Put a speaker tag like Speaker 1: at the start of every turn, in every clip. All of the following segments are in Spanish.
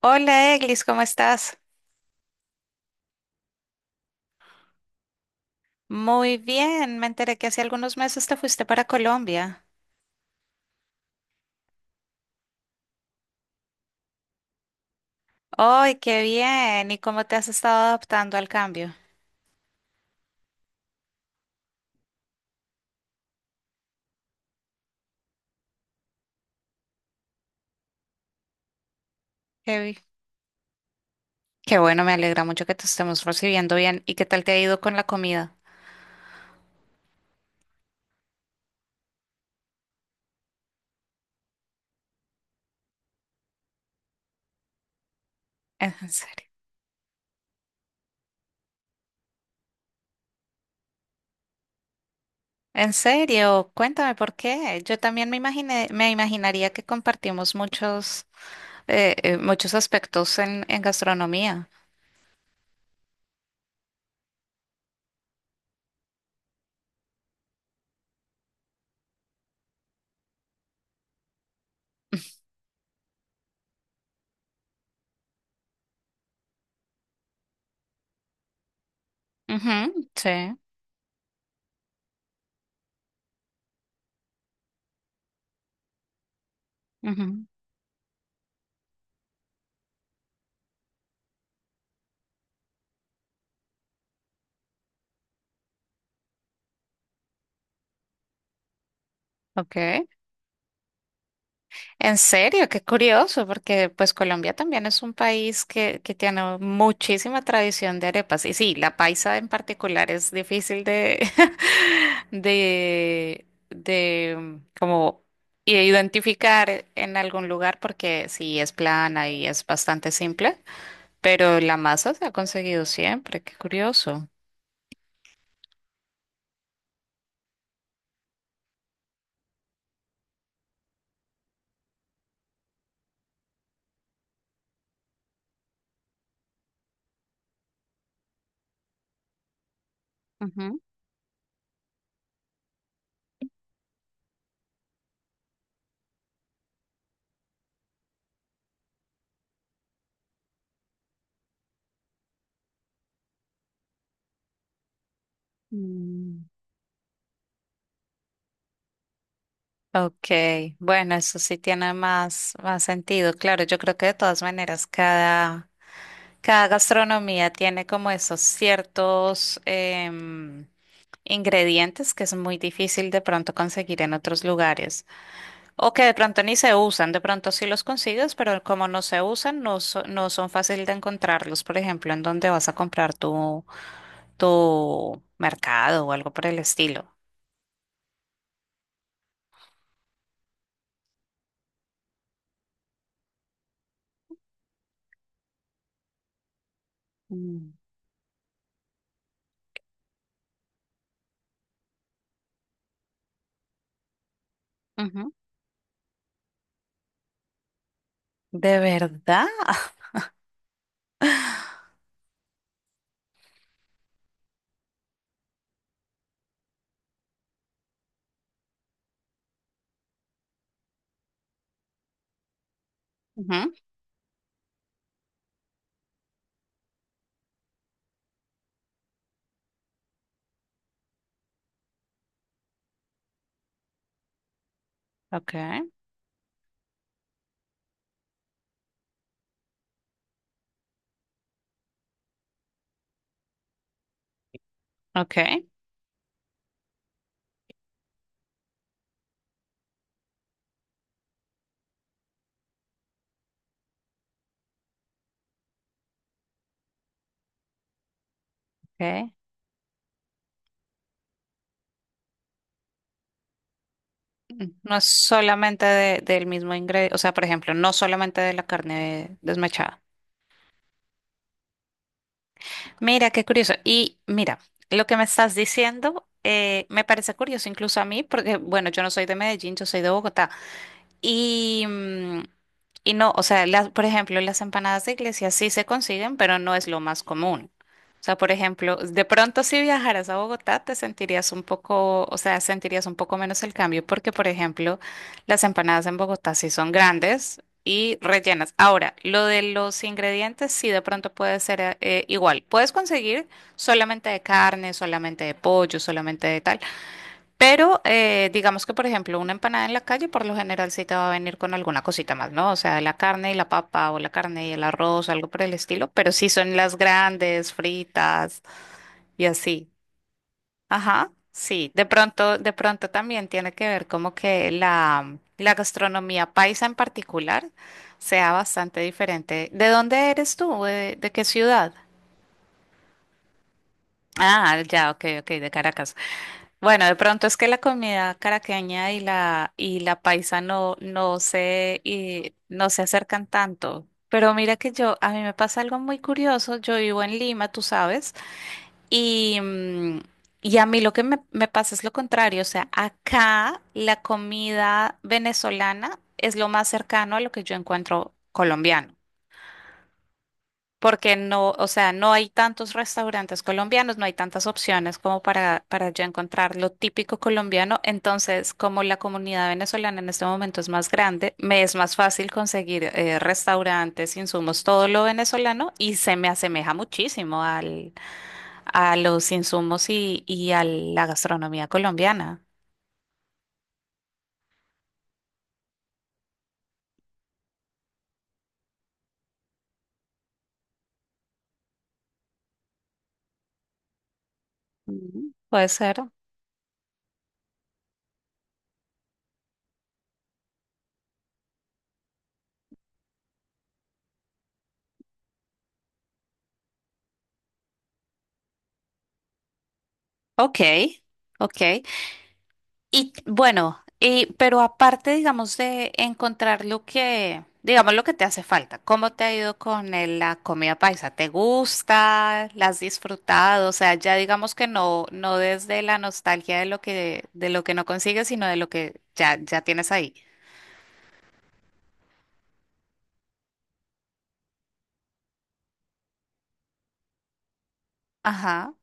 Speaker 1: Hola Eglis, ¿cómo estás? Muy bien, me enteré que hace algunos meses te fuiste para Colombia. ¡Ay, qué bien! ¿Y cómo te has estado adaptando al cambio? Qué, bi- qué bueno, me alegra mucho que te estemos recibiendo bien. ¿Y qué tal te ha ido con la comida? En serio. En serio, cuéntame por qué. Yo también me imaginaría que compartimos muchos aspectos en gastronomía. Ujú, sí. Ujú. Ok. En serio, qué curioso, porque pues Colombia también es un país que tiene muchísima tradición de arepas. Y sí, la paisa en particular es difícil de como identificar en algún lugar porque sí es plana y es bastante simple, pero la masa se ha conseguido siempre, qué curioso. Ujú. Mm. Ok, bueno, eso sí tiene más sentido. Claro, yo creo que de todas maneras cada... Cada gastronomía tiene como esos ciertos ingredientes que es muy difícil de pronto conseguir en otros lugares o que de pronto ni se usan, de pronto sí los consigues, pero como no se usan, no son fácil de encontrarlos, por ejemplo, en donde vas a comprar tu mercado o algo por el estilo. Mm. Ujú. ¿De verdad? Ujú. Ok, ok, ok. No es solamente del mismo ingrediente, o sea, por ejemplo, no solamente de la carne desmechada. Mira, qué curioso. Y mira, lo que me estás diciendo me parece curioso incluso a mí, porque bueno, yo no soy de Medellín, yo soy de Bogotá. Y, mm, y no, o sea, por ejemplo, las empanadas de iglesia sí se consiguen, pero no es lo más común. O sea, por ejemplo, de pronto si viajaras a Bogotá te sentirías un poco, o sea, sentirías un poco menos el cambio porque, por ejemplo, las empanadas en Bogotá sí son grandes y rellenas. Ahora, lo de los ingredientes sí de pronto puede ser, igual. Puedes conseguir solamente de carne, solamente de pollo, solamente de tal. Pero digamos que, por ejemplo, una empanada en la calle por lo general sí te va a venir con alguna cosita más, ¿no? O sea, la carne y la papa o la carne y el arroz, algo por el estilo, pero sí son las grandes, fritas y así. Ajá, sí. De pronto también tiene que ver como que la gastronomía paisa en particular sea bastante diferente. ¿De dónde eres tú? De qué ciudad? Ah, ya, ok, ok, de Caracas. Bueno, de pronto es que la comida caraqueña y la paisa no no se y no se acercan tanto. Pero mira que yo a mí me pasa algo muy curioso. Yo vivo en Lima, tú sabes, y mm, y a mí lo que me pasa es lo contrario. O sea, acá la comida venezolana es lo más cercano a lo que yo encuentro colombiano porque no, o sea, no hay tantos restaurantes colombianos, no hay tantas opciones como para yo encontrar lo típico colombiano. Entonces, como la comunidad venezolana en este momento es más grande, me es más fácil conseguir restaurantes, insumos, todo lo venezolano y se me asemeja muchísimo a los insumos y a la gastronomía colombiana. Mm. Puede ser. Ok, ok. Y bueno, y, pero aparte, digamos, de encontrar lo que, digamos, lo que te hace falta, ¿cómo te ha ido con la comida paisa? ¿Te gusta? ¿La has disfrutado? O sea, ya digamos que no, no desde la nostalgia de lo que no consigues, sino de lo que ya, ya tienes ahí. Ajá,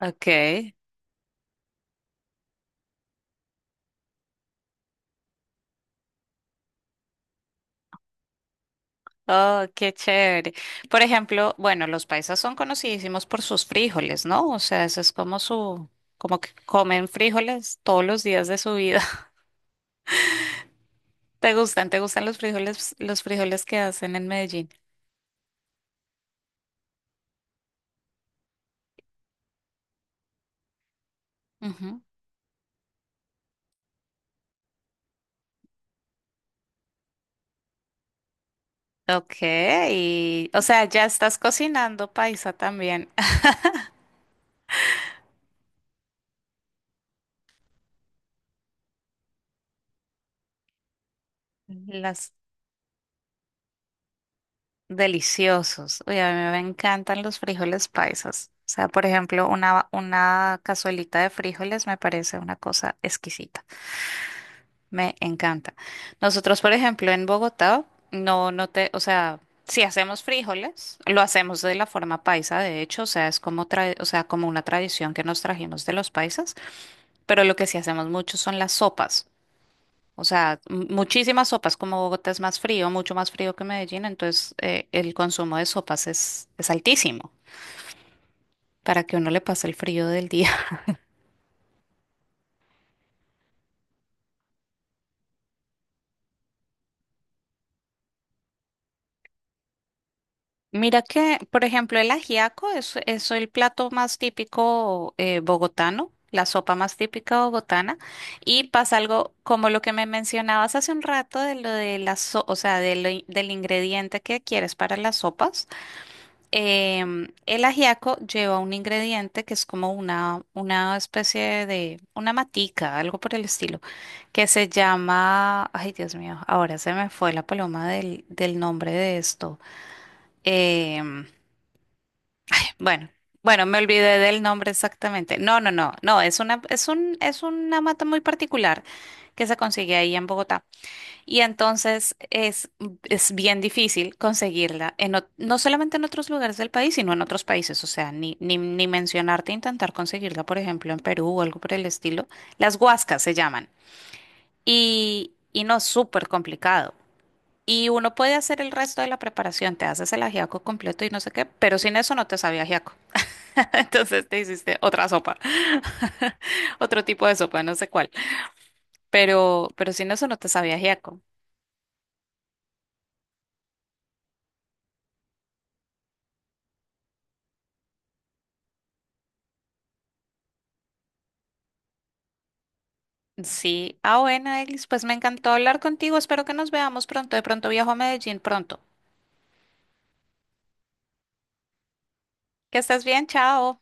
Speaker 1: okay. Oh, qué chévere. Por ejemplo, bueno, los paisas son conocidísimos por sus frijoles, ¿no? O sea, eso es como su, como que comen frijoles todos los días de su vida. ¿Te gustan? ¿Te gustan los frijoles que hacen en Medellín? Ujú. Ok, y, o sea, ya estás cocinando paisa también. Las deliciosos. Oye, a mí me encantan los frijoles paisas. O sea, por ejemplo, una cazuelita de frijoles me parece una cosa exquisita. Me encanta. Nosotros, por ejemplo, en Bogotá, o sea, si hacemos frijoles, lo hacemos de la forma paisa, de hecho, o sea, es como o sea, como una tradición que nos trajimos de los paisas, pero lo que sí hacemos mucho son las sopas. O sea, muchísimas sopas, como Bogotá es más frío, mucho más frío que Medellín, entonces el consumo de sopas es altísimo para que uno le pase el frío del día. Mira que, por ejemplo, el ajiaco es el plato más típico bogotano, la sopa más típica bogotana, y pasa algo como lo que me mencionabas hace un rato de lo de o sea, de lo del ingrediente que quieres para las sopas. El ajiaco lleva un ingrediente que es como una especie de, una matica, algo por el estilo, que se llama, ay Dios mío, ahora se me fue la paloma del nombre de esto. em, bueno, bueno, me olvidé del nombre exactamente. No, no, no, no, es una mata muy particular que se consigue ahí en Bogotá. Y entonces es bien difícil conseguirla, no solamente en otros lugares del país, sino en otros países. O sea, ni mencionarte intentar conseguirla, por ejemplo, en Perú o algo por el estilo. Las huascas se llaman. Y no, súper complicado. Y uno puede hacer el resto de la preparación, te haces el ajiaco completo y no sé qué, pero sin eso no te sabe ajiaco. Entonces te hiciste otra sopa, otro tipo de sopa, no sé cuál. Pero sin eso no te sabía ajiaco. Sí, ah, bueno, Eglis, pues me encantó hablar contigo. Espero que nos veamos pronto. De pronto viajo a Medellín pronto. Que estés bien, chao.